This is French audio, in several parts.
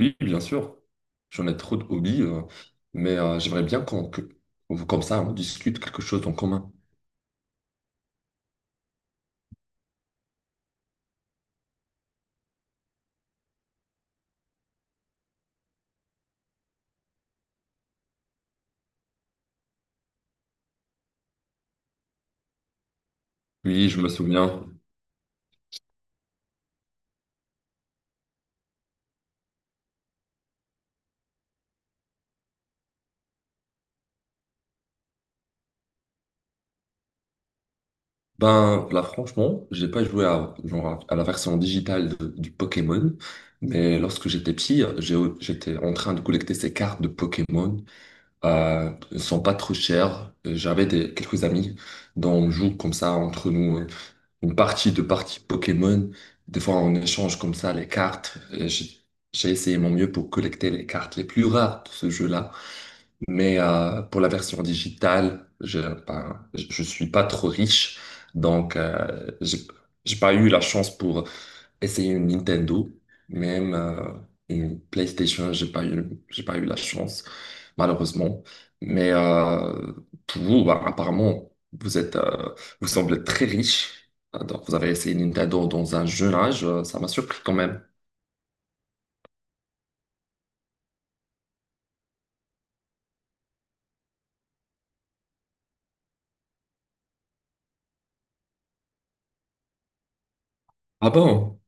Oui, bien sûr. J'en ai trop de hobbies, j'aimerais bien comme ça, on discute quelque chose en commun. Oui, je me souviens. Ben là, franchement, j'ai pas joué à, genre, à la version digitale du Pokémon, mais lorsque j'étais petit, j'étais en train de collecter ces cartes de Pokémon. Elles sont pas trop chères. J'avais des, quelques amis dont on joue comme ça entre nous, hein, une partie Pokémon. Des fois, on échange comme ça les cartes. Et j'ai essayé mon mieux pour collecter les cartes les plus rares de ce jeu-là. Mais pour la version digitale, ben, je suis pas trop riche. Donc, j'ai pas eu la chance pour essayer une Nintendo, même une PlayStation, j'ai pas eu la chance, malheureusement. Mais pour vous, bah, apparemment, vous semblez très riche. Ah! Donc, vous avez essayé Nintendo dans un jeune âge, ça m'a surpris quand même. Ah bon?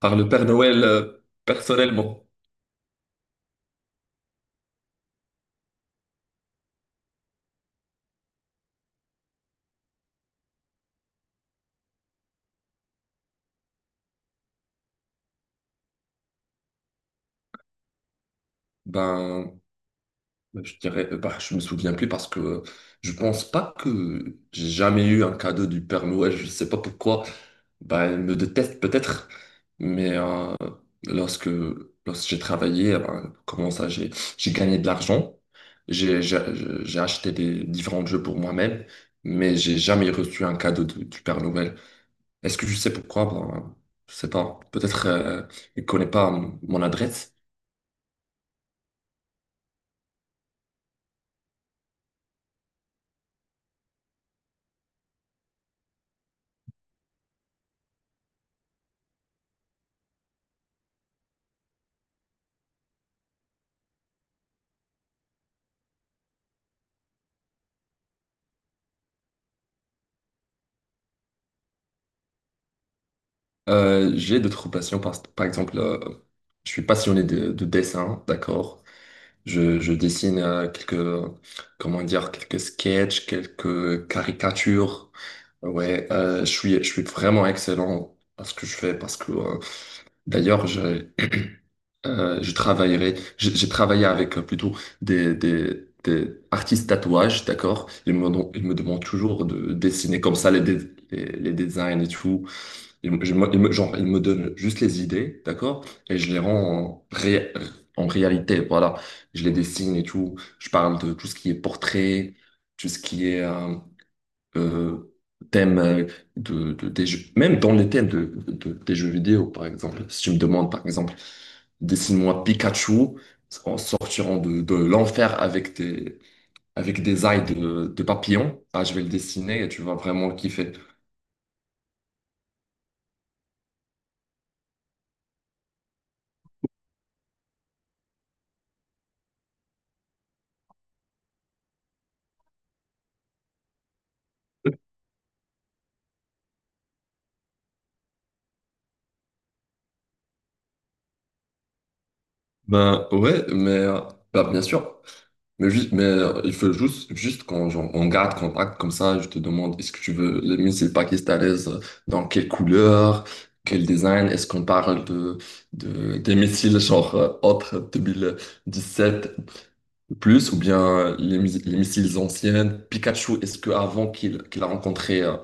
Par le Père Noël, personnellement? Ben, je dirais, bah, je me souviens plus parce que je pense pas que j'ai jamais eu un cadeau du Père Noël, je sais pas pourquoi. Bah, elle me déteste peut-être, mais lorsque, lorsque j'ai travaillé, eh ben, comment ça, j'ai gagné de l'argent, j'ai, j'ai, j'ai acheté des différents jeux pour moi-même, mais j'ai jamais reçu un cadeau du Père Noël. Est-ce que je sais pourquoi? Ben, je sais pas. Peut-être il connaît pas mon adresse. J'ai d'autres passions, par exemple, je suis passionné de dessin, d'accord? Je dessine comment dire, quelques sketchs, quelques caricatures. Ouais, je suis vraiment excellent à ce que je fais parce que, d'ailleurs, je travaillerai, j'ai travaillé avec plutôt des artistes tatouages, d'accord? Ils me demandent toujours de dessiner comme ça les designs et tout. Ils me- je- moi, ils me- Genre, ils me donnent juste les idées, d'accord? Et je les rends en réalité, voilà. Je les dessine et tout. Je parle de tout ce qui est portrait, tout ce qui est euh, thème des jeux. Même dans les thèmes des jeux vidéo, par exemple. Si tu me demandes, par exemple, dessine-moi Pikachu en sortirant de l'enfer avec avec des ailes de papillon, ah, je vais le dessiner et tu vas vraiment le kiffer. Ben ouais, mais bah, bien sûr. Mais, juste, mais il faut juste, juste qu'on, genre, on garde contact comme ça. Je te demande, est-ce que tu veux les missiles pakistanaises, dans quelle couleur, quel design? Est-ce qu'on parle des missiles genre, autres sept plus ou bien les missiles anciennes? Pikachu, est-ce que avant qu'il a rencontré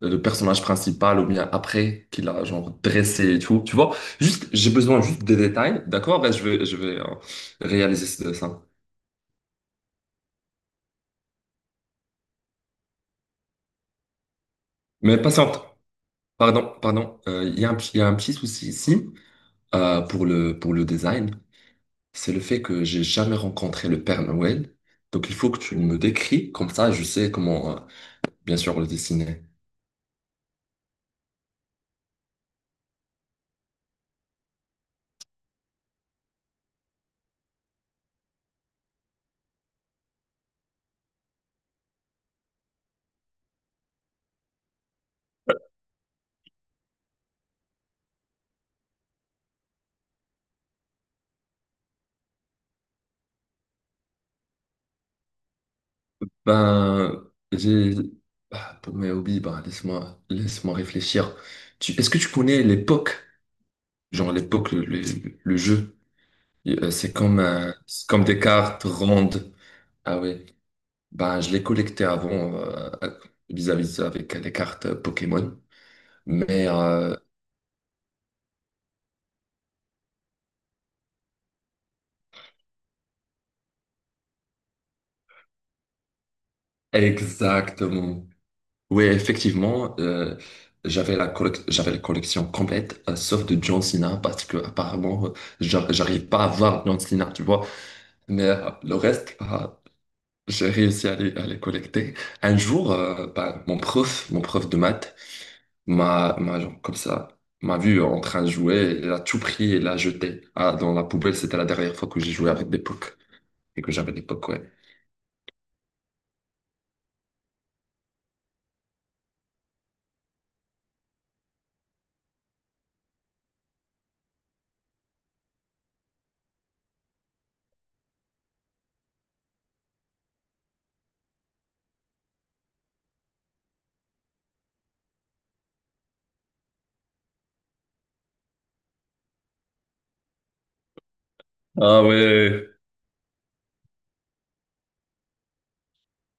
le personnage principal ou bien après qu'il a genre dressé et tout, tu vois. Juste, j'ai besoin juste des détails, d'accord? Ben, je vais réaliser ça. Mais patiente, pardon, pardon. Il y a il y a un petit souci ici pour pour le design. C'est le fait que j'ai jamais rencontré le Père Noël. Donc il faut que tu me décris, comme ça je sais comment, bien sûr, le dessiner. Ben, j'ai... bah, pour mes hobbies, bah, laisse-moi réfléchir. Tu... Est-ce que tu connais l'époque? Genre à l'époque, le jeu, et, c'est comme des cartes rondes. Ah ouais. Ben, je les collectais avant vis-à-vis de ça avec les cartes Pokémon. Mais exactement. Oui, effectivement, j'avais la collection complète, sauf de John Cena, parce que apparemment, j'arrive pas à voir John Cena, tu vois. Mais le reste, bah, j'ai réussi à à les collecter. Un jour, bah, mon prof de maths genre, comme ça, m'a vu en train de jouer, il a tout pris et l'a jeté, ah, dans la poubelle. C'était la dernière fois que j'ai joué avec des pocs et que j'avais des pocs, ouais.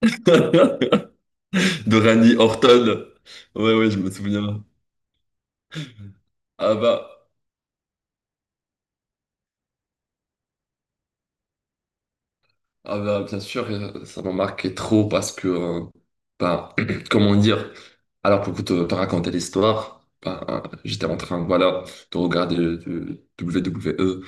De Randy Orton. Ouais, ouais, je me souviens. Ah bah. Ah bah, bien sûr, ça m'a marqué trop parce que, ben, comment dire, alors pour te, te raconter l'histoire, ben, j'étais en train, voilà, de regarder le WWE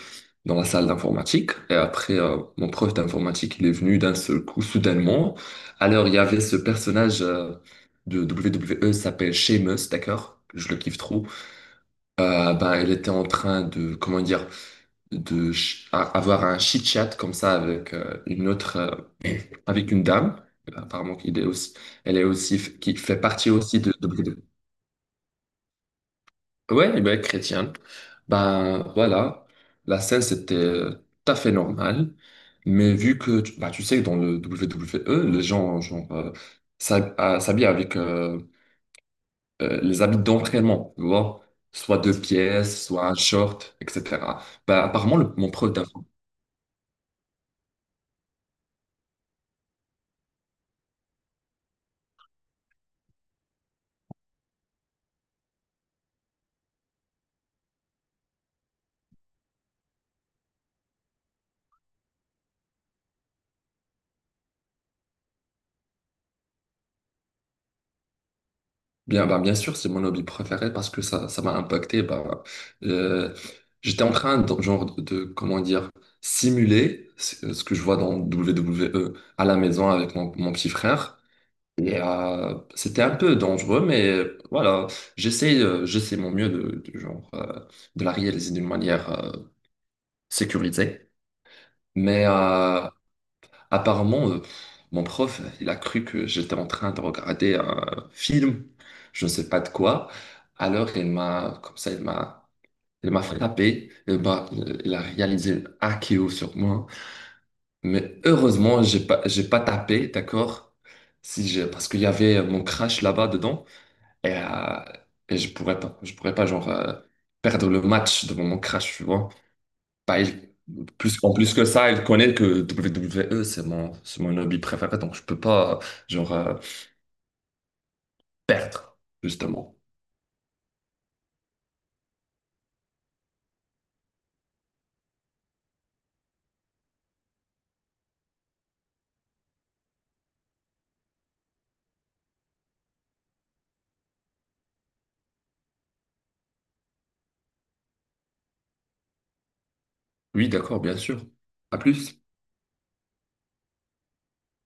dans la salle d'informatique. Et après, mon prof d'informatique, il est venu d'un seul coup, soudainement. Alors, il y avait ce personnage, de WWE, il s'appelle Sheamus, d'accord? Je le kiffe trop. Ben, il était en train de, comment dire, avoir un chit-chat comme ça avec, euh, avec une dame, apparemment qui est aussi, elle est aussi, qui fait partie aussi de Bruno. Ouais, ben, chrétienne. Ben voilà, la scène c'était tout à fait normal, mais vu que, bah, tu sais, que dans le WWE, les gens, genre, s'habillent avec les habits d'entraînement, tu vois, soit deux pièces, soit un short, etc. Bah, apparemment, mon prof... Bien, ben, bien sûr, c'est mon hobby préféré parce que ça m'a impacté. Ben, euh, j'étais en train de, comment dire, simuler ce, ce que je vois dans WWE à la maison avec mon petit frère. Et c'était un peu dangereux, mais j'essaie mon mieux de, genre, de la réaliser d'une manière sécurisée. Mais euh, Apparemment, mon prof, il a cru que j'étais en train de regarder un film, je ne sais pas de quoi. Alors, il m'a frappé. Il a réalisé un KO sur moi. Mais heureusement, j'ai pas tapé, d'accord? Si j'ai, parce qu'il y avait mon crash là-bas dedans et, je pourrais pas, je pourrais pas, genre, perdre le match devant mon crash, tu vois. Bah, il- En plus que ça, elle connaît que WWE, c'est mon hobby préféré, donc je peux pas, genre, perdre, justement. Oui, d'accord, bien sûr. À plus.